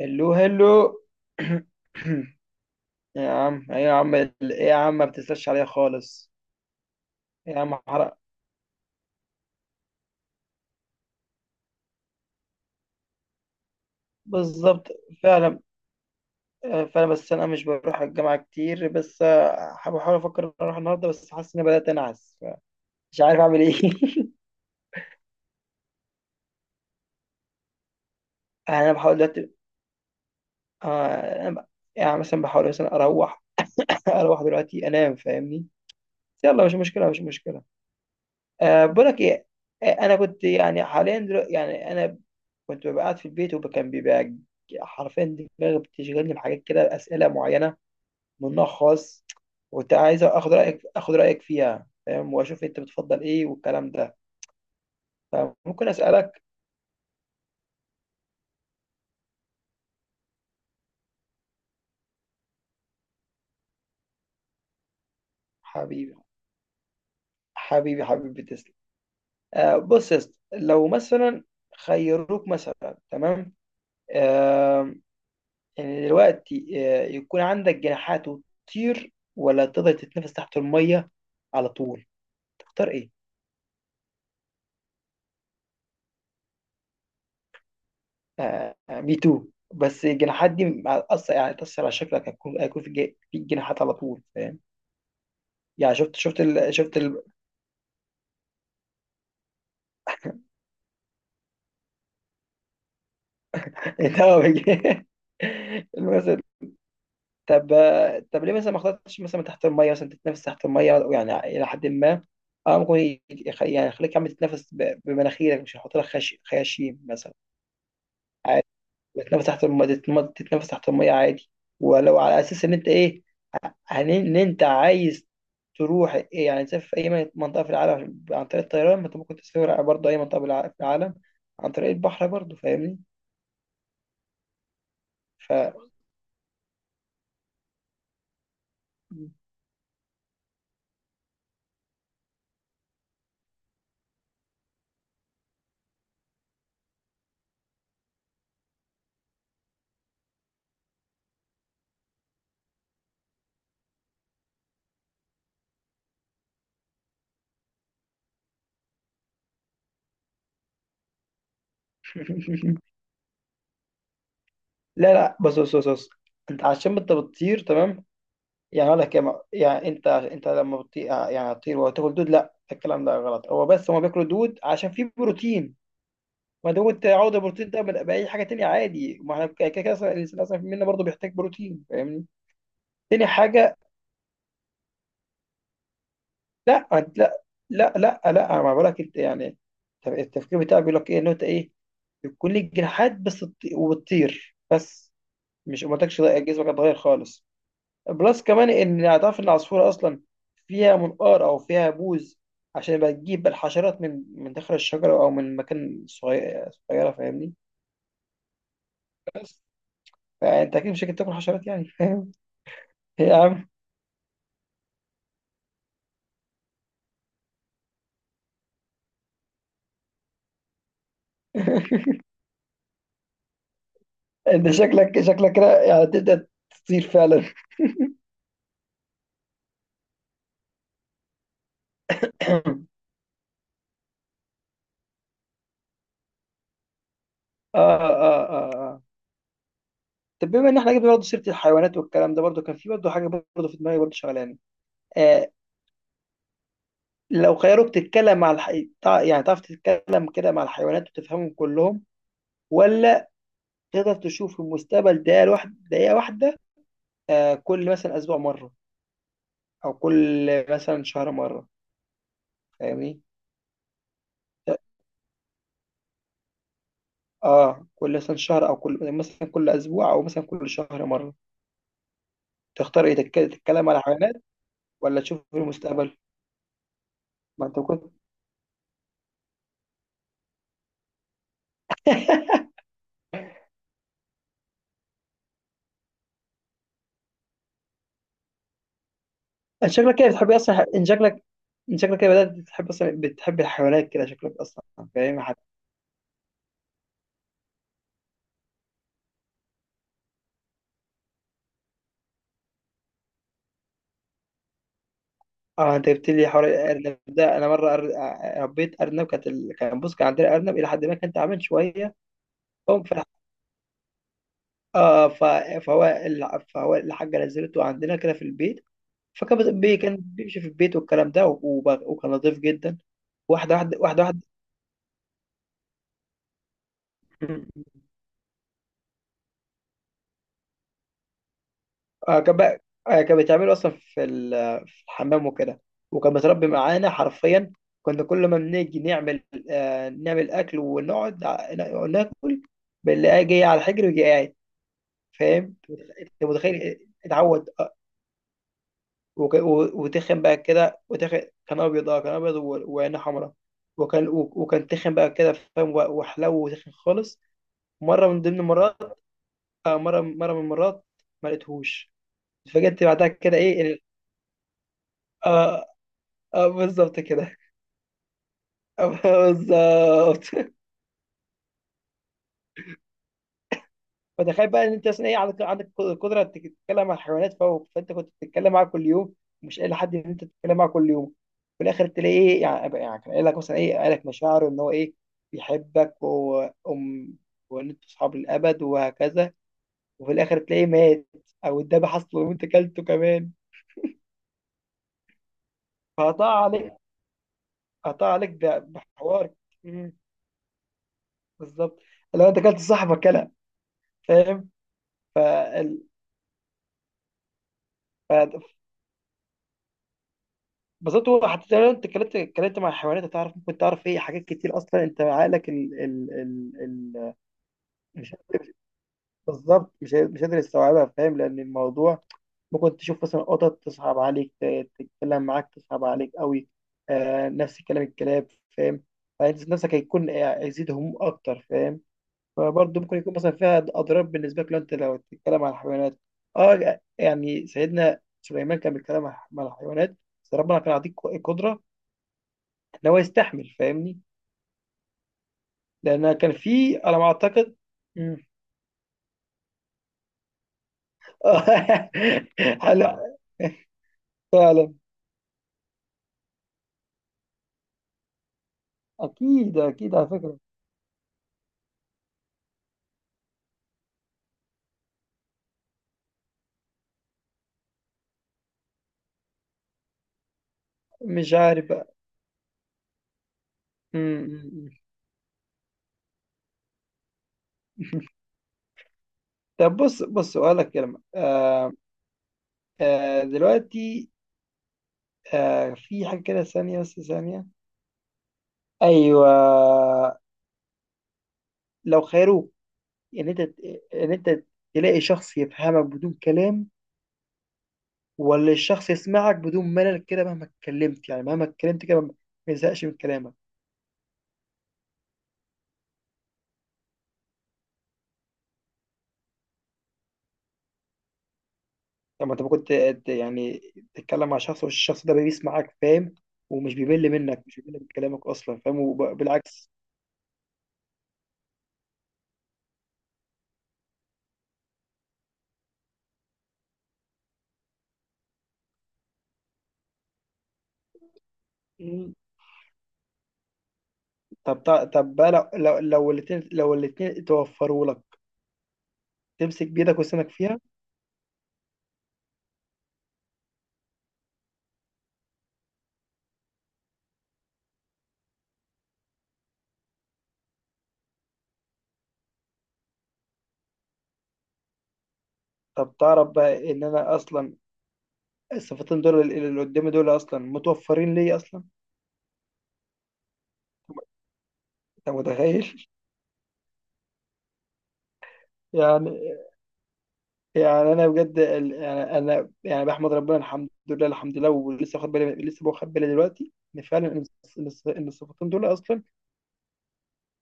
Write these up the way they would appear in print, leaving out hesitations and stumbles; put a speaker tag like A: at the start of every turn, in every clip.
A: هلو، هلو. يا عم ما بتسألش عليها خالص. يا عم حرق. بالظبط. فعلا، فعلا، بس انا مش بروح الجامعه كتير، بس بحاول افكر اروح النهارده، بس حاسس اني بدات انعس. مش عارف اعمل ايه. انا بحاول دلوقتي. آه، أنا ب- يعني مثلا بحاول مثلا اروح. اروح دلوقتي انام، فاهمني؟ يلا، مش مشكله مش مشكله. أه، بقولك ايه، انا كنت يعني حاليا دلوقتي يعني انا كنت ببقى قاعد في البيت، وكان بيبقى حرفيا دماغي بتشغلني بحاجات كده، اسئله معينه من نوع خاص. وكنت عايز اخد رايك فيها، فاهم؟ واشوف انت بتفضل ايه والكلام ده. فممكن اسالك؟ حبيبي، حبيبي تسلم. أه، بص يا اسطى، لو مثلا خيروك مثلا، تمام؟ يعني دلوقتي يكون عندك جناحات وتطير، ولا تقدر تتنفس تحت المية على طول، تختار ايه؟ آه، مي تو. بس الجناحات دي أصلا يعني تأثر على شكلك، هيكون في جناحات على طول، فاهم؟ يعني إنت هو بيجي- المثل. طب، طب ليه مثلا ما اخترتش مثلا تحت المية، مثلا تتنفس تحت المية يعني إلى حد ما؟ اه، ممكن يعني يخليك عم تتنفس بمناخيرك، مش هيحط لك خياشيم مثلا. بتنفس تحت المية، تتنفس تحت المية عادي. ولو على أساس إن أنت إيه، إن أنت عايز تروح إيه يعني، تسافر في أي منطقة في العالم عن طريق الطيران، ما أنت ممكن تسافر برضه أي منطقة في العالم عن طريق البحر برضه، فاهمني؟ ف لا، لا، بص بص بص بص، أنت عشان أنت بتطير، تمام. يعني أقول لك يعني أنت لما بتطير يعني هتطير وتاكل دود؟ لا، الكلام ده غلط. هو بس هما بياكلوا دود عشان فيه بروتين. ما دام انت عاوز البروتين ده باي حاجه تانية عادي، ما احنا كده كده اصلا الانسان اصلا منا برضه بيحتاج بروتين، فاهمني؟ تاني حاجه، لا انت لا، لا، لا، لا، انا ما بقولك انت يعني. طب، التفكير بتاعي بيقول لك ايه؟ ان انت ايه، يكون ليك جناحات بس وبتطير بس، مش ما قلتكش لا، جسمك هيتغير خالص، بلس كمان ان هتعرف ان العصفوره اصلا فيها منقار او فيها بوز عشان يبقى تجيب الحشرات من داخل الشجره او من مكان صغير صغيره، فاهمني؟ بس فانت اكيد مش هتاكل حشرات يعني، فاهم؟ يا عم. انت شكلك شكلك كده يعني تبدا تطير فعلا. اه، اه، اه. اه، طب بما ان احنا جبنا برضه سيره الحيوانات والكلام ده، برضه كان في برضه حاجه برضه في دماغي برضه شغلاني. آه، لو خيروك تتكلم مع يعني تعرف تتكلم كده مع الحيوانات وتفهمهم كلهم، ولا تقدر تشوف المستقبل دقيقه واحده، دقيقه واحده، آه، كل مثلا اسبوع مره او كل مثلا شهر مره، فاهمني؟ اه، كل مثلا شهر او كل مثلا كل اسبوع او مثلا كل شهر مره، تختار ايه؟ تتكلم على حيوانات ولا تشوف في المستقبل؟ ما انت كنت. انت شكلك كده بتحب اصلا ان شكلك، ان شكلك كده بدات تحب اصلا، بتحب الحيوانات كده شكلك اصلا. فاهم؟ اه، انت جبت لي حوار الارنب ده. انا مره أر... آه، ربيت ارنب، كانت كان، بص، كان عندنا ارنب، الى حد ما كان تعبان شويه. فهم في... الح... اه، فهو الحاجه نزلته عندنا كده في البيت، كان بيمشي في البيت والكلام ده، وكان نظيف جدا. واحده، واحده، واحده، واحده. آه، كان بقى، آه، كان بيتعمل اصلا في في الحمام وكده، وكان متربي معانا حرفيا. كنا كل ما بنيجي نعمل، آه، نعمل اكل، ونقعد ناكل، بنلاقيه جاي على الحجر ويجي قاعد، فاهم؟ انت متخيل؟ اتعود. وتخن بقى كده، وتخن، كان ابيض، اه، كان ابيض وعينه حمراء، وكان وكان تخن بقى كده، فاهم؟ وحلو، وتخن خالص. مره من ضمن المرات، آه، مره من المرات ما لقيتهوش، اتفاجئت بعدها كده ايه، اه، اه، بالظبط كده. آه، بالظبط. فتخيل بقى ان انت اصلا ايه، عندك قدره انك تتكلم مع الحيوانات فوق، فانت كنت بتتكلم معاها كل يوم، مش قايل لحد ان انت تتكلم معاها كل يوم. في الاخر تلاقي ايه يعني، يعني كان قايل لك مثلا ايه، قايل لك مشاعره ان هو ايه، بيحبك و- وام وان انتوا اصحاب للابد وهكذا. وفي الاخر تلاقيه مات او اتذبح اصلا وانت كلته كمان، فقطع عليك، قطع عليك بحوار. مم، بالظبط. لو انت كلت صاحبك كلام، فاهم؟ بالظبط. هو حتى لو انت اتكلمت مع الحيوانات، هتعرف ممكن تعرف ايه، حاجات كتير اصلا، انت عقلك ال مش... بالظبط، مش مش قادر يستوعبها، فاهم؟ لان الموضوع ممكن تشوف مثلا قطط تصعب عليك، تتكلم معاك تصعب عليك قوي. آه، نفس كلام الكلاب، فاهم؟ فانت نفسك هيكون إيه، هيزيد هموم اكتر، فاهم؟ فبرضه ممكن يكون مثلا فيها اضرار بالنسبه لك لو انت، لو تتكلم عن الحيوانات. اه يعني سيدنا سليمان كان بيتكلم مع الحيوانات، بس ربنا كان عطيك قدره ان هو يستحمل، فاهمني؟ لان كان في على ما اعتقد. مم. هلا. فعلا، اكيد، اكيد على فكره. مش عارف بقى. مم. مم، مم. طب، بص بص اقول لك كلمه، آه، دلوقتي، في حاجه كده ثانيه، بس ثانيه. ايوه، لو خيروك ان انت، ان انت تلاقي شخص يفهمك بدون كلام، ولا الشخص يسمعك بدون ملل كده مهما اتكلمت، يعني مهما اتكلمت كده ما يزهقش من كلامك. طب ما انت ممكن يعني تتكلم مع شخص والشخص ده بيسمعك، فاهم؟ ومش بيمل منك، مش بيمل من كلامك اصلا، فاهم؟ وبالعكس. مم. طب بقى، لو الاتنين توفروا لك، تمسك بيدك وسنك فيها. طب تعرف بقى ان انا اصلا الصفتين دول اللي قدامي دول اصلا متوفرين لي اصلا. انت متخيل؟ يعني، يعني انا بجد يعني انا يعني بحمد ربنا، الحمد لله، الحمد لله، ولسه واخد بالي، لسه واخد بالي دلوقتي ان فعلا، إن الصفتين دول اصلا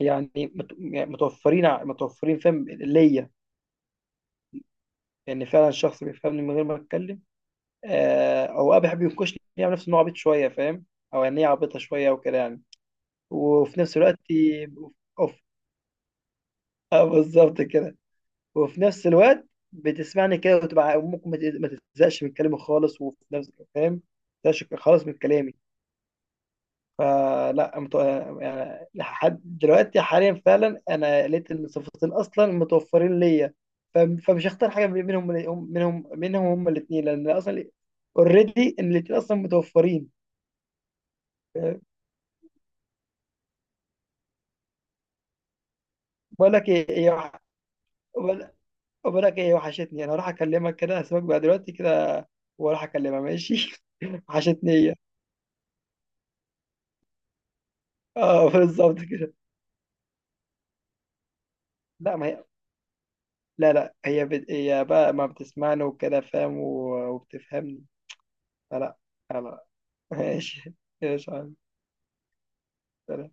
A: يعني يعني متوفرين، متوفرين، فاهم؟ ليا، يعني فعلا شخص بيفهمني من غير ما اتكلم، او ابي بيحب ينكشني يعني، نفسه انه عبيط شويه، فاهم؟ او يعني هي عبيطه شويه وكده يعني. وفي نفس الوقت، اوف، بالظبط كده. وفي نفس الوقت بتسمعني كده، وتبقى ممكن ما تزهقش من كلامي خالص، وفي نفس، فاهم؟ ما تزهقش خالص من كلامي. فلا مت... يعني لحد دلوقتي حاليا فعلا انا لقيت إن الصفتين اصلا متوفرين ليا. فمش هختار حاجه منهم، منهم هما الاثنين، لان اصلا اوريدي ان الاثنين اصلا متوفرين. بقول لك ايه، إيه وح... بقول بقول لك ايه، وحشتني. انا هروح اكلمك كده، هسيبك بقى دلوقتي كده، واروح اكلمها، ماشي؟ وحشتني هي. اه، بالظبط كده. لا، ما هي لا، لا، هي هي بقى ما بتسمعني وكده، فاهم؟ وبتفهمني. فلا، لا، ماشي. يا صاحبي، سلام.